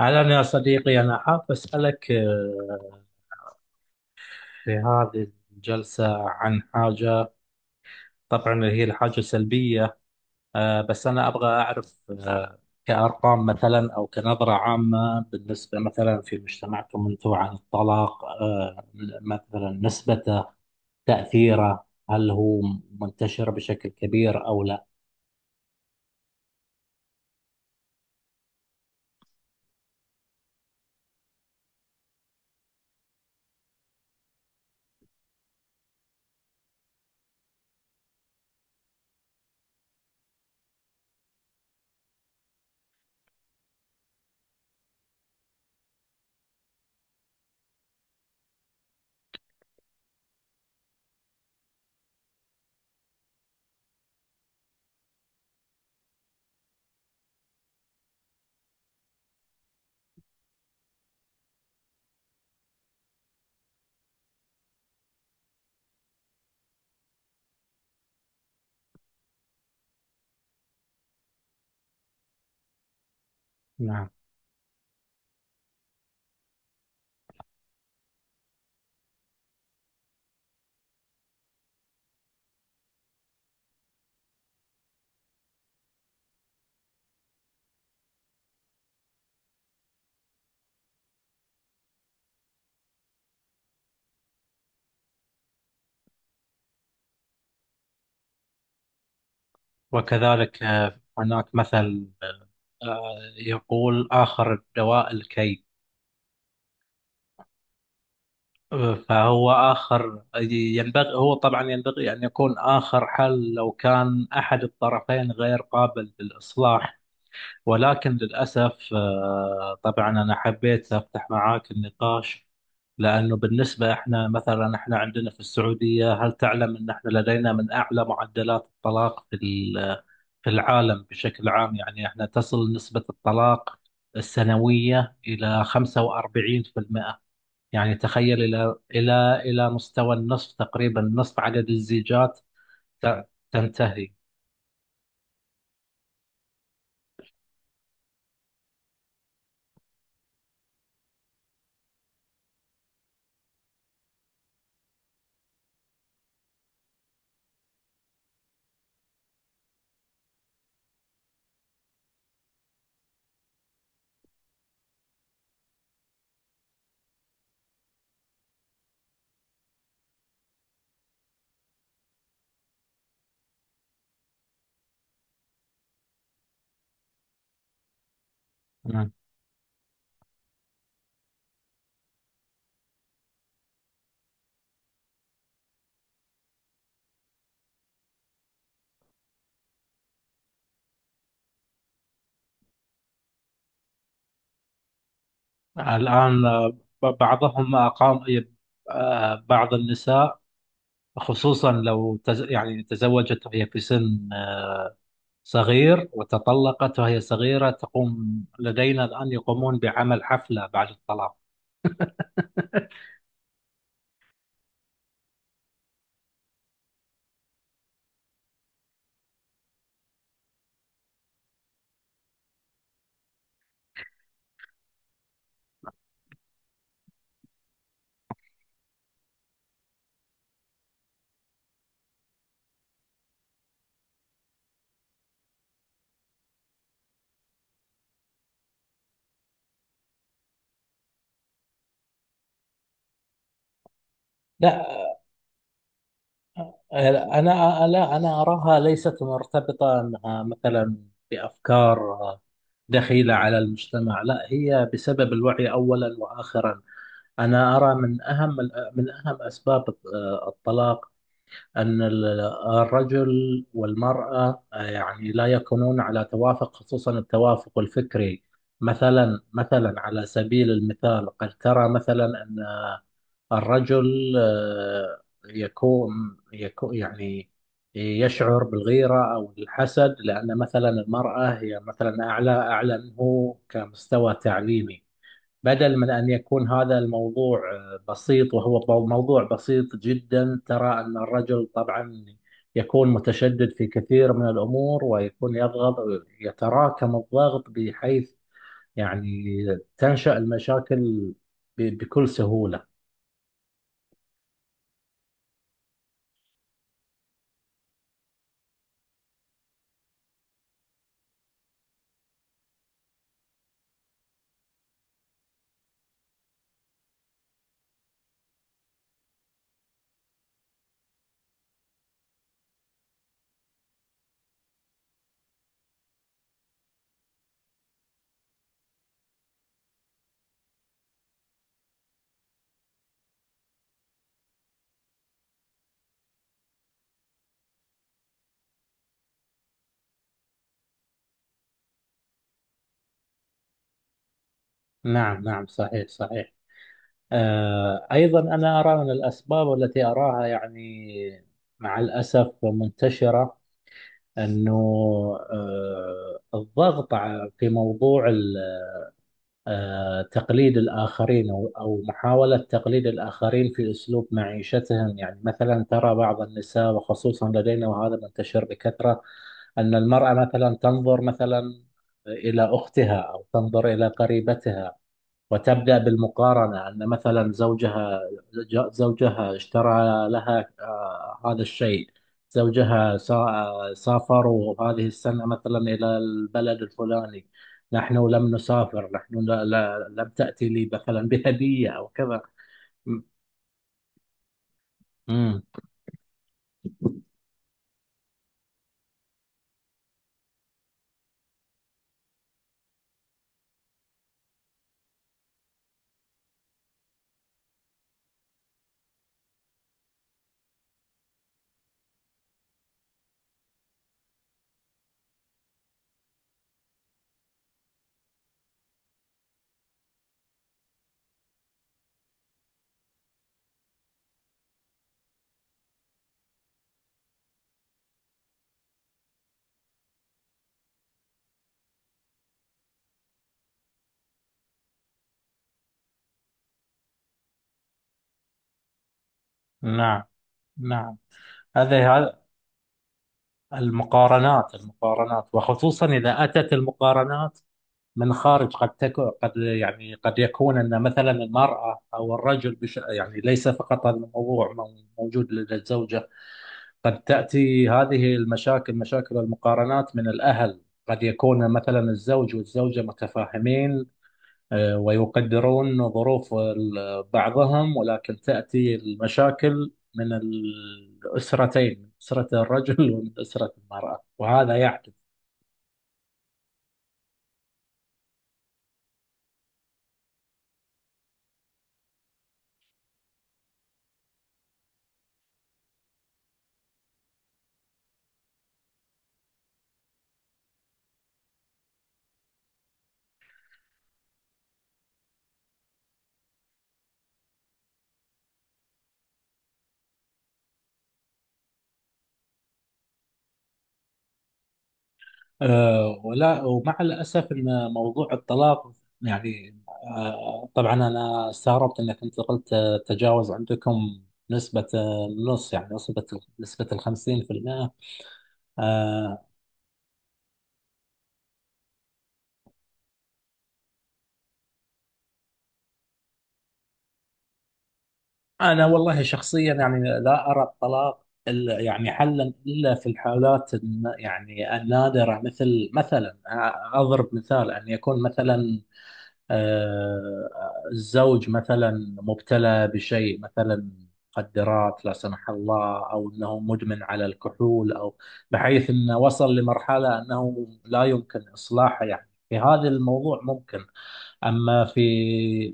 أهلا يا صديقي، أنا حاب أسألك في هذه الجلسة عن حاجة. طبعا هي الحاجة سلبية، بس أنا أبغى أعرف كأرقام مثلا، أو كنظرة عامة بالنسبة مثلا في مجتمعكم أنتم عن الطلاق. مثلا نسبته، تأثيره، هل هو منتشر بشكل كبير أو لا؟ نعم. وكذلك هناك مثل آه، يقول: آخر الدواء الكي. فهو آخر، ينبغي، هو طبعا ينبغي أن يكون آخر حل لو كان أحد الطرفين غير قابل للإصلاح. ولكن للأسف طبعا أنا حبيت أفتح معاك النقاش، لأنه بالنسبة إحنا، مثلا إحنا عندنا في السعودية، هل تعلم أن إحنا لدينا من أعلى معدلات الطلاق في العالم بشكل عام؟ يعني إحنا تصل نسبة الطلاق السنوية إلى 45%. يعني تخيل إلى مستوى النصف تقريبا، نصف عدد الزيجات تنتهي. مم. الآن بعضهم أقام، بعض النساء، خصوصا لو يعني تزوجت وهي في سن صغير، وتطلقت وهي صغيرة، تقوم لدينا الآن، يقومون بعمل حفلة بعد الطلاق. لا أنا لا، أنا أراها ليست مرتبطة أنها مثلا بأفكار دخيلة على المجتمع، لا، هي بسبب الوعي أولا وآخرا. أنا أرى من أهم، من أهم أسباب الطلاق، أن الرجل والمرأة يعني لا يكونون على توافق، خصوصا التوافق الفكري. مثلا، على سبيل المثال، قد ترى مثلا أن الرجل يكون يعني يشعر بالغيرة أو الحسد، لأن مثلا المرأة هي مثلا أعلى منه كمستوى تعليمي. بدل من أن يكون هذا الموضوع بسيط، وهو موضوع بسيط جدا، ترى أن الرجل طبعا يكون متشدد في كثير من الأمور، ويكون يضغط، يتراكم الضغط بحيث يعني تنشأ المشاكل بكل سهولة. نعم، نعم، صحيح، صحيح. أيضا أنا أرى من الأسباب التي أراها يعني مع الأسف منتشرة، أنه الضغط، في موضوع تقليد الآخرين، أو محاولة تقليد الآخرين في أسلوب معيشتهم. يعني مثلا ترى بعض النساء، وخصوصا لدينا وهذا منتشر بكثرة، أن المرأة مثلا تنظر مثلا إلى أختها، أو تنظر إلى قريبتها، وتبدأ بالمقارنة، أن مثلا زوجها، زوجها اشترى لها هذا الشيء، زوجها سافروا هذه السنة مثلا إلى البلد الفلاني، نحن لم نسافر، نحن لا لم تأتي لي مثلا بهدية أو كذا. م- مم. نعم، نعم. هذه هذ- المقارنات، المقارنات، وخصوصا إذا أتت المقارنات من خارج. قد تكون قد يعني قد يكون ان مثلا المراه او الرجل بش، يعني ليس فقط هذا الموضوع موجود لدى الزوجه. قد تاتي هذه المشاكل، مشاكل المقارنات، من الاهل. قد يكون مثلا الزوج والزوجه متفاهمين، ويقدرون ظروف بعضهم، ولكن تاتي المشاكل من الاسرتين، من اسره الرجل ومن اسره المراه، وهذا يعكس. ولا، ومع الأسف أن موضوع الطلاق، يعني، طبعا أنا استغربت أنك أنت قلت تجاوز عندكم نسبة، النص، يعني نسبة، نسبة 50%. آه، أنا والله شخصيا يعني لا أرى الطلاق يعني حلا، إلا في الحالات يعني النادرة، مثل مثلا أضرب مثال، أن يكون مثلا آه، الزوج مثلا مبتلى بشيء، مثلا مخدرات، لا سمح الله، او انه مدمن على الكحول، او بحيث انه وصل لمرحله انه لا يمكن اصلاحه، يعني في هذا الموضوع ممكن. اما في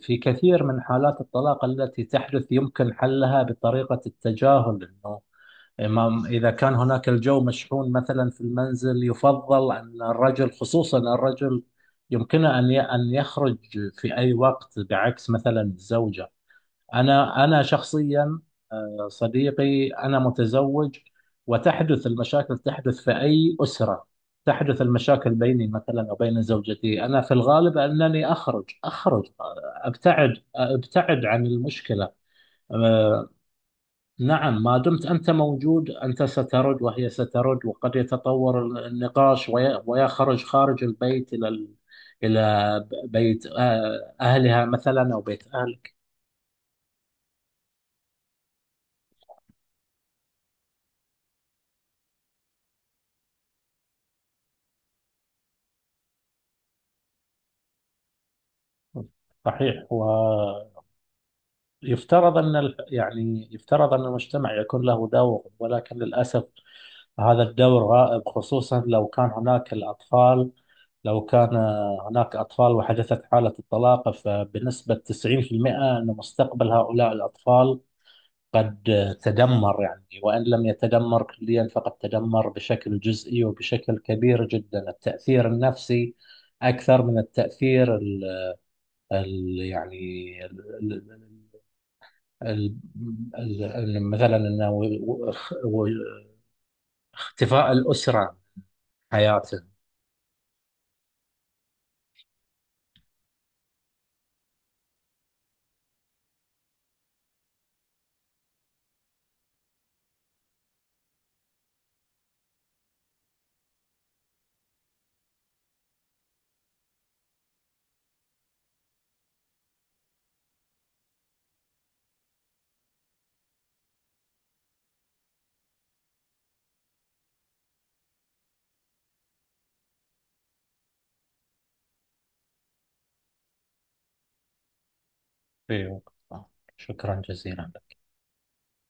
في كثير من حالات الطلاق التي تحدث، يمكن حلها بطريقه التجاهل، انه إذا كان هناك الجو مشحون مثلا في المنزل، يفضل أن الرجل، خصوصا الرجل، يمكنه أن يخرج في أي وقت، بعكس مثلا الزوجة. أنا شخصيا، صديقي، أنا متزوج، وتحدث المشاكل، تحدث في أي أسرة. تحدث المشاكل بيني مثلا وبين زوجتي، أنا في الغالب أنني أخرج، أخرج، أبتعد، أبتعد عن المشكلة. نعم، ما دمت أنت موجود، أنت سترد وهي سترد، وقد يتطور النقاش ويخرج خارج البيت، إلى بيت أهلها مثلا، أو بيت أهلك. صحيح. ويفترض أن يعني يفترض أن المجتمع يكون له دور، ولكن للأسف هذا الدور غائب، خصوصا لو كان هناك الأطفال. لو كان هناك أطفال وحدثت حالة الطلاق، فبنسبة 90% أن مستقبل هؤلاء الأطفال قد تدمر. يعني وإن لم يتدمر كليا فقد تدمر بشكل جزئي وبشكل كبير جدا، التأثير النفسي أكثر من التأثير ال ال يعني ال ال ال ال ال مثلا إنه و- اختفاء الأسرة عن حياته. في وقتها، شكرا جزيلا.